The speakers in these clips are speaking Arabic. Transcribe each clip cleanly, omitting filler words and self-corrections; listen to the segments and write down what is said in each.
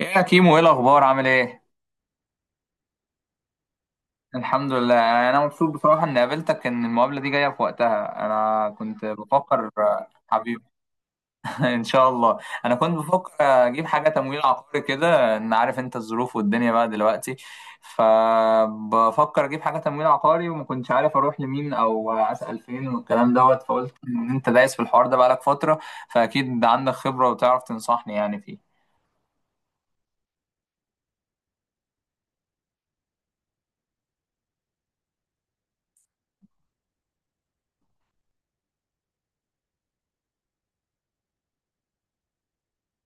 ايه يا كيمو، ايه الاخبار؟ عامل ايه؟ الحمد لله. انا مبسوط بصراحه اني قابلتك، ان المقابله دي جايه في وقتها. انا كنت بفكر. حبيبي. ان شاء الله. انا كنت بفكر اجيب حاجه تمويل عقاري كده، ان عارف انت الظروف والدنيا بقى دلوقتي. فبفكر اجيب حاجه تمويل عقاري، وما كنتش عارف اروح لمين او اسال فين والكلام دوت. فقلت ان انت دايس في الحوار ده بقالك فتره، فاكيد عندك خبره وتعرف تنصحني يعني فيه.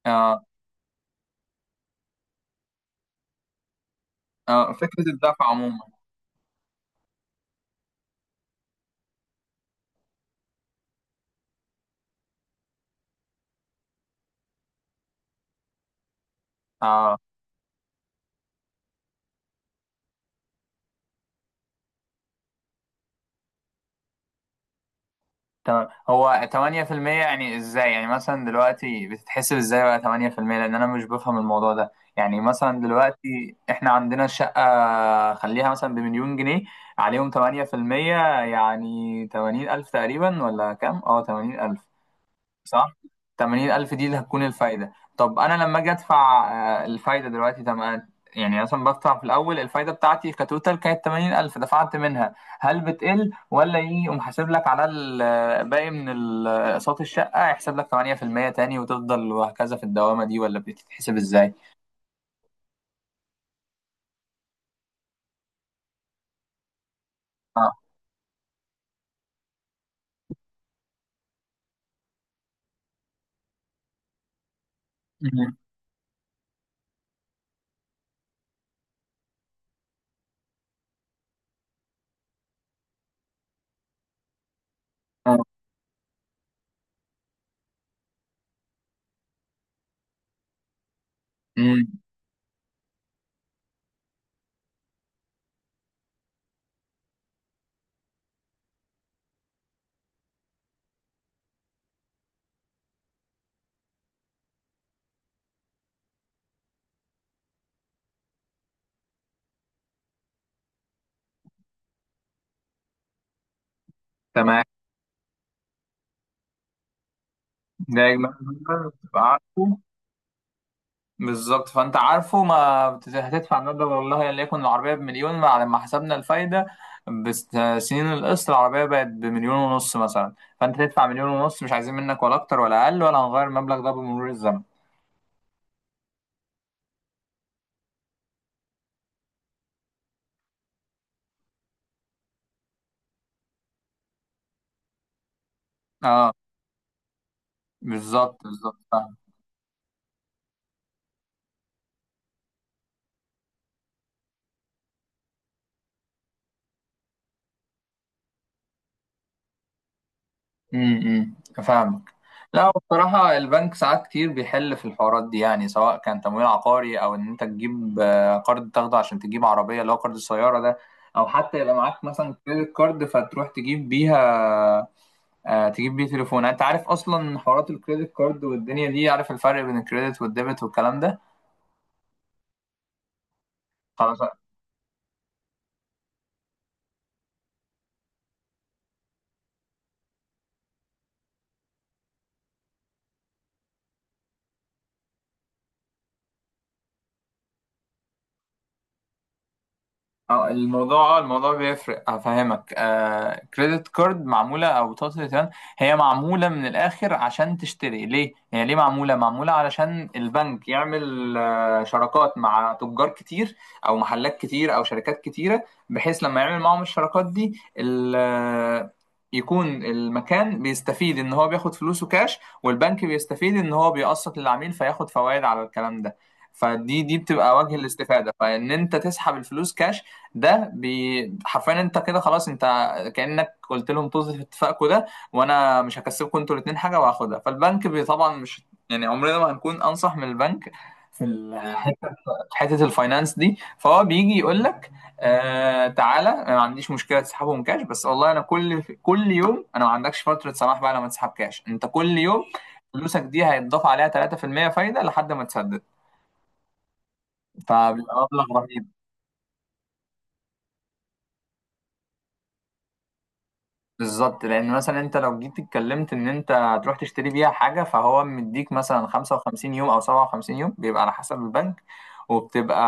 آه. آه، فكره الدفع عموما. آه. تمام، هو 8% يعني ازاي؟ يعني مثلا دلوقتي بتتحسب ازاي بقى 8%؟ لان انا مش بفهم الموضوع ده. يعني مثلا دلوقتي احنا عندنا الشقة، خليها مثلا بمليون جنيه، عليهم 8% يعني 80 ألف تقريبا، ولا كام؟ اه، 80 ألف. صح. 80,000 دي اللي هتكون الفايدة. طب أنا لما أجي أدفع، آه، الفايدة دلوقتي تمام. يعني مثلا بدفع في الأول، الفايدة بتاعتي كتوتال كانت 80,000، دفعت منها، هل بتقل ولا إيه؟ يقوم حاسب لك على الباقي من أقساط الشقة، يحسب لك 8% تاني وتفضل وهكذا في الدوامة دي، ولا بتتحسب إزاي؟ اه. مم. آه. مم. تمام، ده إجمالي المبلغ، تبقى عارفه. بالظبط، فانت عارفه ما هتدفع مبلغ، والله ان يكون العربيه بمليون بعد ما حسبنا الفايده بسنين القسط، العربيه بقت بمليون ونص مثلا. فانت تدفع مليون ونص، مش عايزين منك ولا اكتر ولا اقل، ولا هنغير المبلغ ده بمرور الزمن. اه، بالظبط بالظبط، فاهم. امم، فاهمك. لا بصراحة، البنك ساعات كتير بيحل في الحوارات دي، يعني سواء كان تمويل عقاري أو إن أنت تجيب، آه، قرض تاخده عشان تجيب عربية، اللي هو قرض السيارة ده. أو حتى يبقى معاك مثلا كريدت كارد فتروح تجيب بيها، آه، تجيب بيه تليفون. يعني انت عارف اصلا حوارات الكريدت كارد والدنيا دي، عارف الفرق بين الكريدت والديبت والكلام ده؟ خلاص. اه الموضوع بيفرق، افهمك. آه، كريدت كارد، معموله، او بطاقه الائتمان، هي معموله من الاخر عشان تشتري. ليه هي ليه معموله؟ معموله علشان البنك يعمل، آه، شراكات مع تجار كتير او محلات كتير او شركات كتيره. بحيث لما يعمل معاهم الشراكات دي يكون المكان بيستفيد ان هو بياخد فلوسه كاش، والبنك بيستفيد ان هو بيقسط للعميل فياخد فوائد على الكلام ده. فدي بتبقى وجه الاستفاده، فان انت تسحب الفلوس كاش، حرفيا انت كده خلاص. انت كأنك قلت لهم طز في اتفاقكم ده، وانا مش هكسبكم انتوا الاتنين حاجه وهاخدها، فالبنك طبعا مش، يعني عمرنا ما هنكون انصح من البنك في في حته الفاينانس دي. فهو بيجي يقول لك، آه تعالى انا ما عنديش مشكله تسحبهم كاش، بس والله انا كل يوم، انا ما عندكش فتره سماح بقى لما تسحب كاش. انت كل يوم فلوسك دي هيتضاف عليها 3% فايده لحد ما تسدد، فبيبقى مبلغ رهيب. بالظبط، لان مثلا انت لو جيت اتكلمت ان انت هتروح تشتري بيها حاجه، فهو مديك مثلا 55 يوم او 57 يوم، بيبقى على حسب البنك. وبتبقى،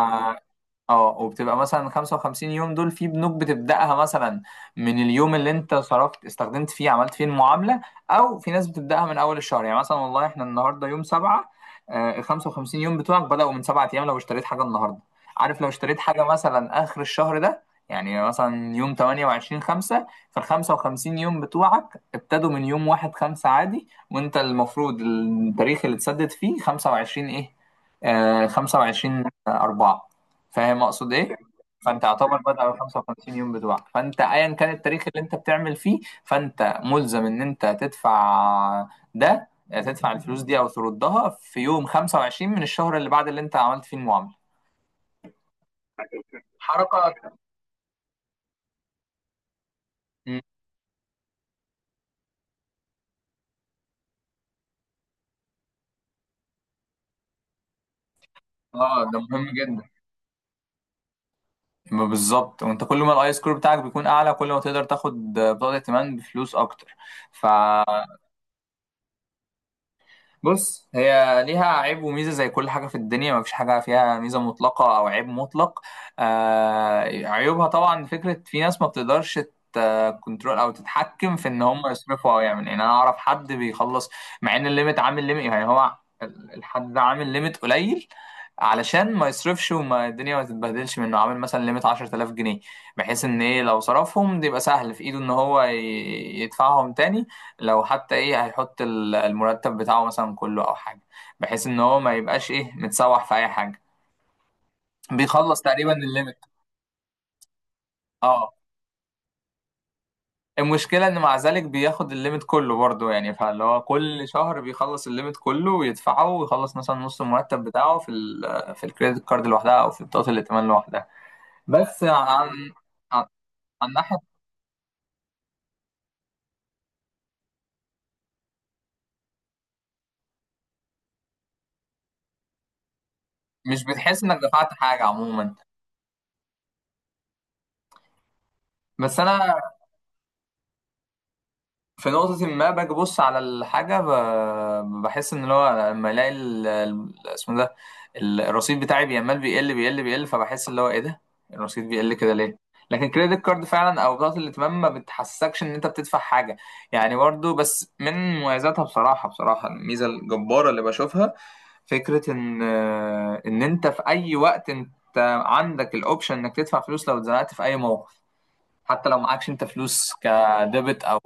اه، وبتبقى مثلا 55 يوم دول، في بنوك بتبدأها مثلا من اليوم اللي انت صرفت استخدمت فيه عملت فيه المعاملة، او في ناس بتبدأها من اول الشهر. يعني مثلا والله احنا النهارده يوم 7، آه، ال 55 يوم بتوعك بدأوا من 7 ايام لو اشتريت حاجة النهارده. عارف؟ لو اشتريت حاجة مثلا اخر الشهر ده، يعني مثلا يوم 28 5، فال 55 يوم بتوعك ابتدوا من يوم 1 5 عادي. وانت المفروض التاريخ اللي تسدد فيه 25 ايه، آه 25 4. فاهم اقصد ايه؟ فانت يعتبر بدأ على 55 يوم بتوعك، فانت ايا كان التاريخ اللي انت بتعمل فيه، فانت ملزم ان انت تدفع ده، تدفع الفلوس دي او تردها في يوم 25 من الشهر اللي بعد اللي انت عملت فيه المعامله. حركة. مم. اه، ده مهم جدا. ما بالظبط. وانت كل ما الاي سكور بتاعك بيكون اعلى، كل ما تقدر تاخد بطاقه ائتمان بفلوس اكتر. ف، بص، هي ليها عيب وميزة زي كل حاجة في الدنيا، ما فيش حاجة فيها ميزة مطلقة أو عيب مطلق. آه، عيوبها طبعا فكرة في ناس ما بتقدرش كنترول أو تتحكم في إن هم يصرفوا، أو يعمل. يعني أنا أعرف حد بيخلص مع إن الليميت، عامل ليميت يعني، هو الحد ده عامل ليميت قليل علشان ما يصرفش وما الدنيا ما تتبهدلش منه، عامل مثلا ليميت 10,000 جنيه، بحيث إن إيه، لو صرفهم ده يبقى سهل في إيده إن هو يدفعهم تاني. لو حتى ايه، هيحط المرتب بتاعه مثلا كله او حاجه، بحيث ان هو ما يبقاش ايه متسوح في اي حاجه. بيخلص تقريبا الليمت. اه، المشكله ان مع ذلك بياخد الليمت كله برضه، يعني فاللي هو كل شهر بيخلص الليمت كله ويدفعه، ويخلص مثلا نص المرتب بتاعه في ال في الكريدت كارد لوحدها، او في بطاقه الائتمان لوحدها. بس عن عن عن ناحيه، مش بتحس انك دفعت حاجه عموما. بس انا في نقطة ما باجي أبص على الحاجة، بحس إن اللي هو لما ألاقي اسمه ده الرصيد بتاعي بيعمل بيقل، فبحس اللي هو إيه ده، الرصيد بيقل كده ليه؟ لكن كريدت كارد فعلا أو بطاقة الائتمان، ما بتحسكش إن أنت بتدفع حاجة. يعني برضه، بس من مميزاتها بصراحة، بصراحة الميزة الجبارة اللي بشوفها، فكرة إن، إن أنت في أي وقت أنت عندك الأوبشن إنك تدفع فلوس لو اتزنقت في أي موقف، حتى لو معكش أنت فلوس كديبت أو.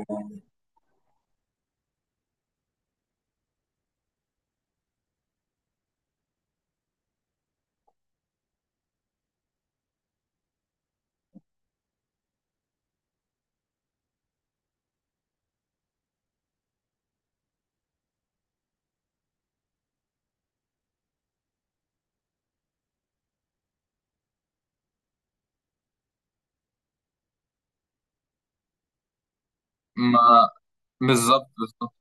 ما بالظبط بالظبط.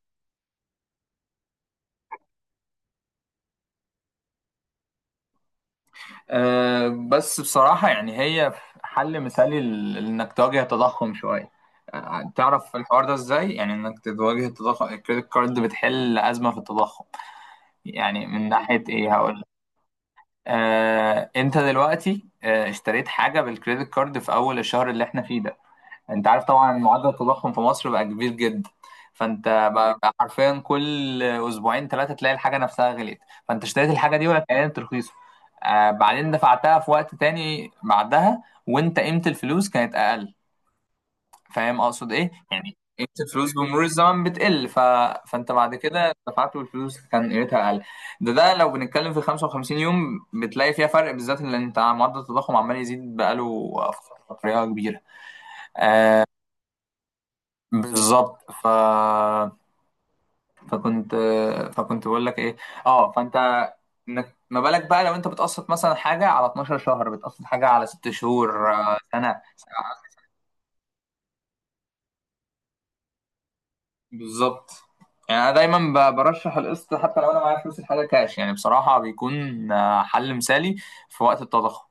أه بس بصراحة يعني، هي حل مثالي لإنك تواجه التضخم شوية. أه، تعرف الحوار ده إزاي؟ يعني إنك تواجه التضخم، الكريدت كارد بتحل أزمة في التضخم. يعني من ناحية إيه، هقول لك. أه أنت دلوقتي، أه، اشتريت حاجة بالكريدت كارد في أول الشهر اللي إحنا فيه ده، انت عارف طبعا معدل التضخم في مصر بقى كبير جدا. فانت بقى تمام بقى، حرفيا كل اسبوعين ثلاثه تلاقي الحاجه نفسها غليت. فانت اشتريت الحاجه دي وقت اعلان ترخيصه، آه بعدين دفعتها في وقت تاني بعدها، وانت قيمه الفلوس كانت اقل. فاهم اقصد ايه؟ يعني قيمه الفلوس بمرور الزمن بتقل فانت بعد كده دفعت والفلوس كان قيمتها اقل. ده لو بنتكلم في 55 يوم بتلاقي فيها فرق، بالذات ان انت معدل التضخم عمال يزيد بقاله فتره كبيره. بالظبط ف... فكنت فكنت بقول لك ايه، اه فانت، انك ما بالك بقى لو انت بتقسط مثلا حاجه على 12 شهر، بتقسط حاجه على 6 شهور، آه، سنه. بالظبط. يعني انا دايما برشح القسط حتى لو انا معايا فلوس الحاجه كاش. يعني بصراحه بيكون، آه، حل مثالي في وقت التضخم.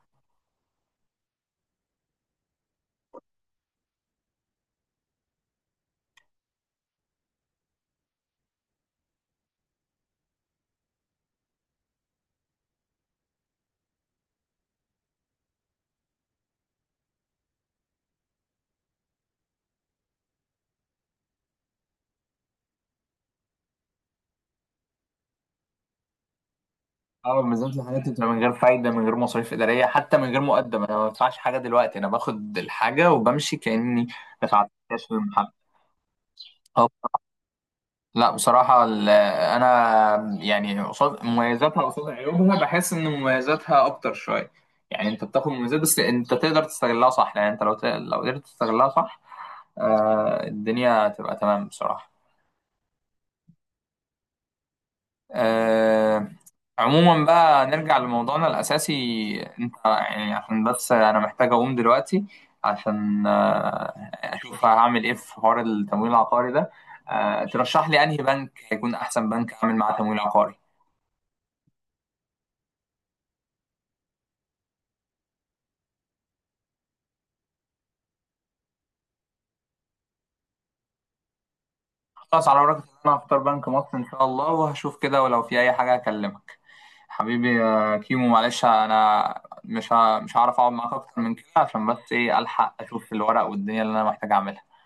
اه، بالذات الحاجات اللي بتبقى من غير فايده، من غير مصاريف اداريه، حتى من غير مقدم. انا ما بدفعش حاجه دلوقتي، انا باخد الحاجه وبمشي كاني دفعت كاش في المحل. لا بصراحة أنا يعني قصاد مميزاتها قصاد عيوبها بحس إن مميزاتها أكتر شوية. يعني أنت بتاخد مميزات، بس أنت تقدر تستغلها صح. يعني أنت لو لو قدرت تستغلها صح، آه، الدنيا تبقى تمام بصراحة. آه، عموما بقى نرجع لموضوعنا الأساسي. أنت يعني عشان بس أنا محتاج أقوم دلوقتي عشان، آه، أشوف هعمل إيه في حوار التمويل العقاري ده. آه، ترشح لي أنهي بنك هيكون أحسن بنك أعمل معاه تمويل عقاري؟ خلاص، على وراك إن انا هختار بنك مصر ان شاء الله، وهشوف كده ولو في اي حاجه هكلمك. حبيبي يا كيمو، معلش انا مش هعرف اقعد معاك اكتر من كده، عشان بس ايه الحق اشوف الورق والدنيا اللي انا محتاج اعملها.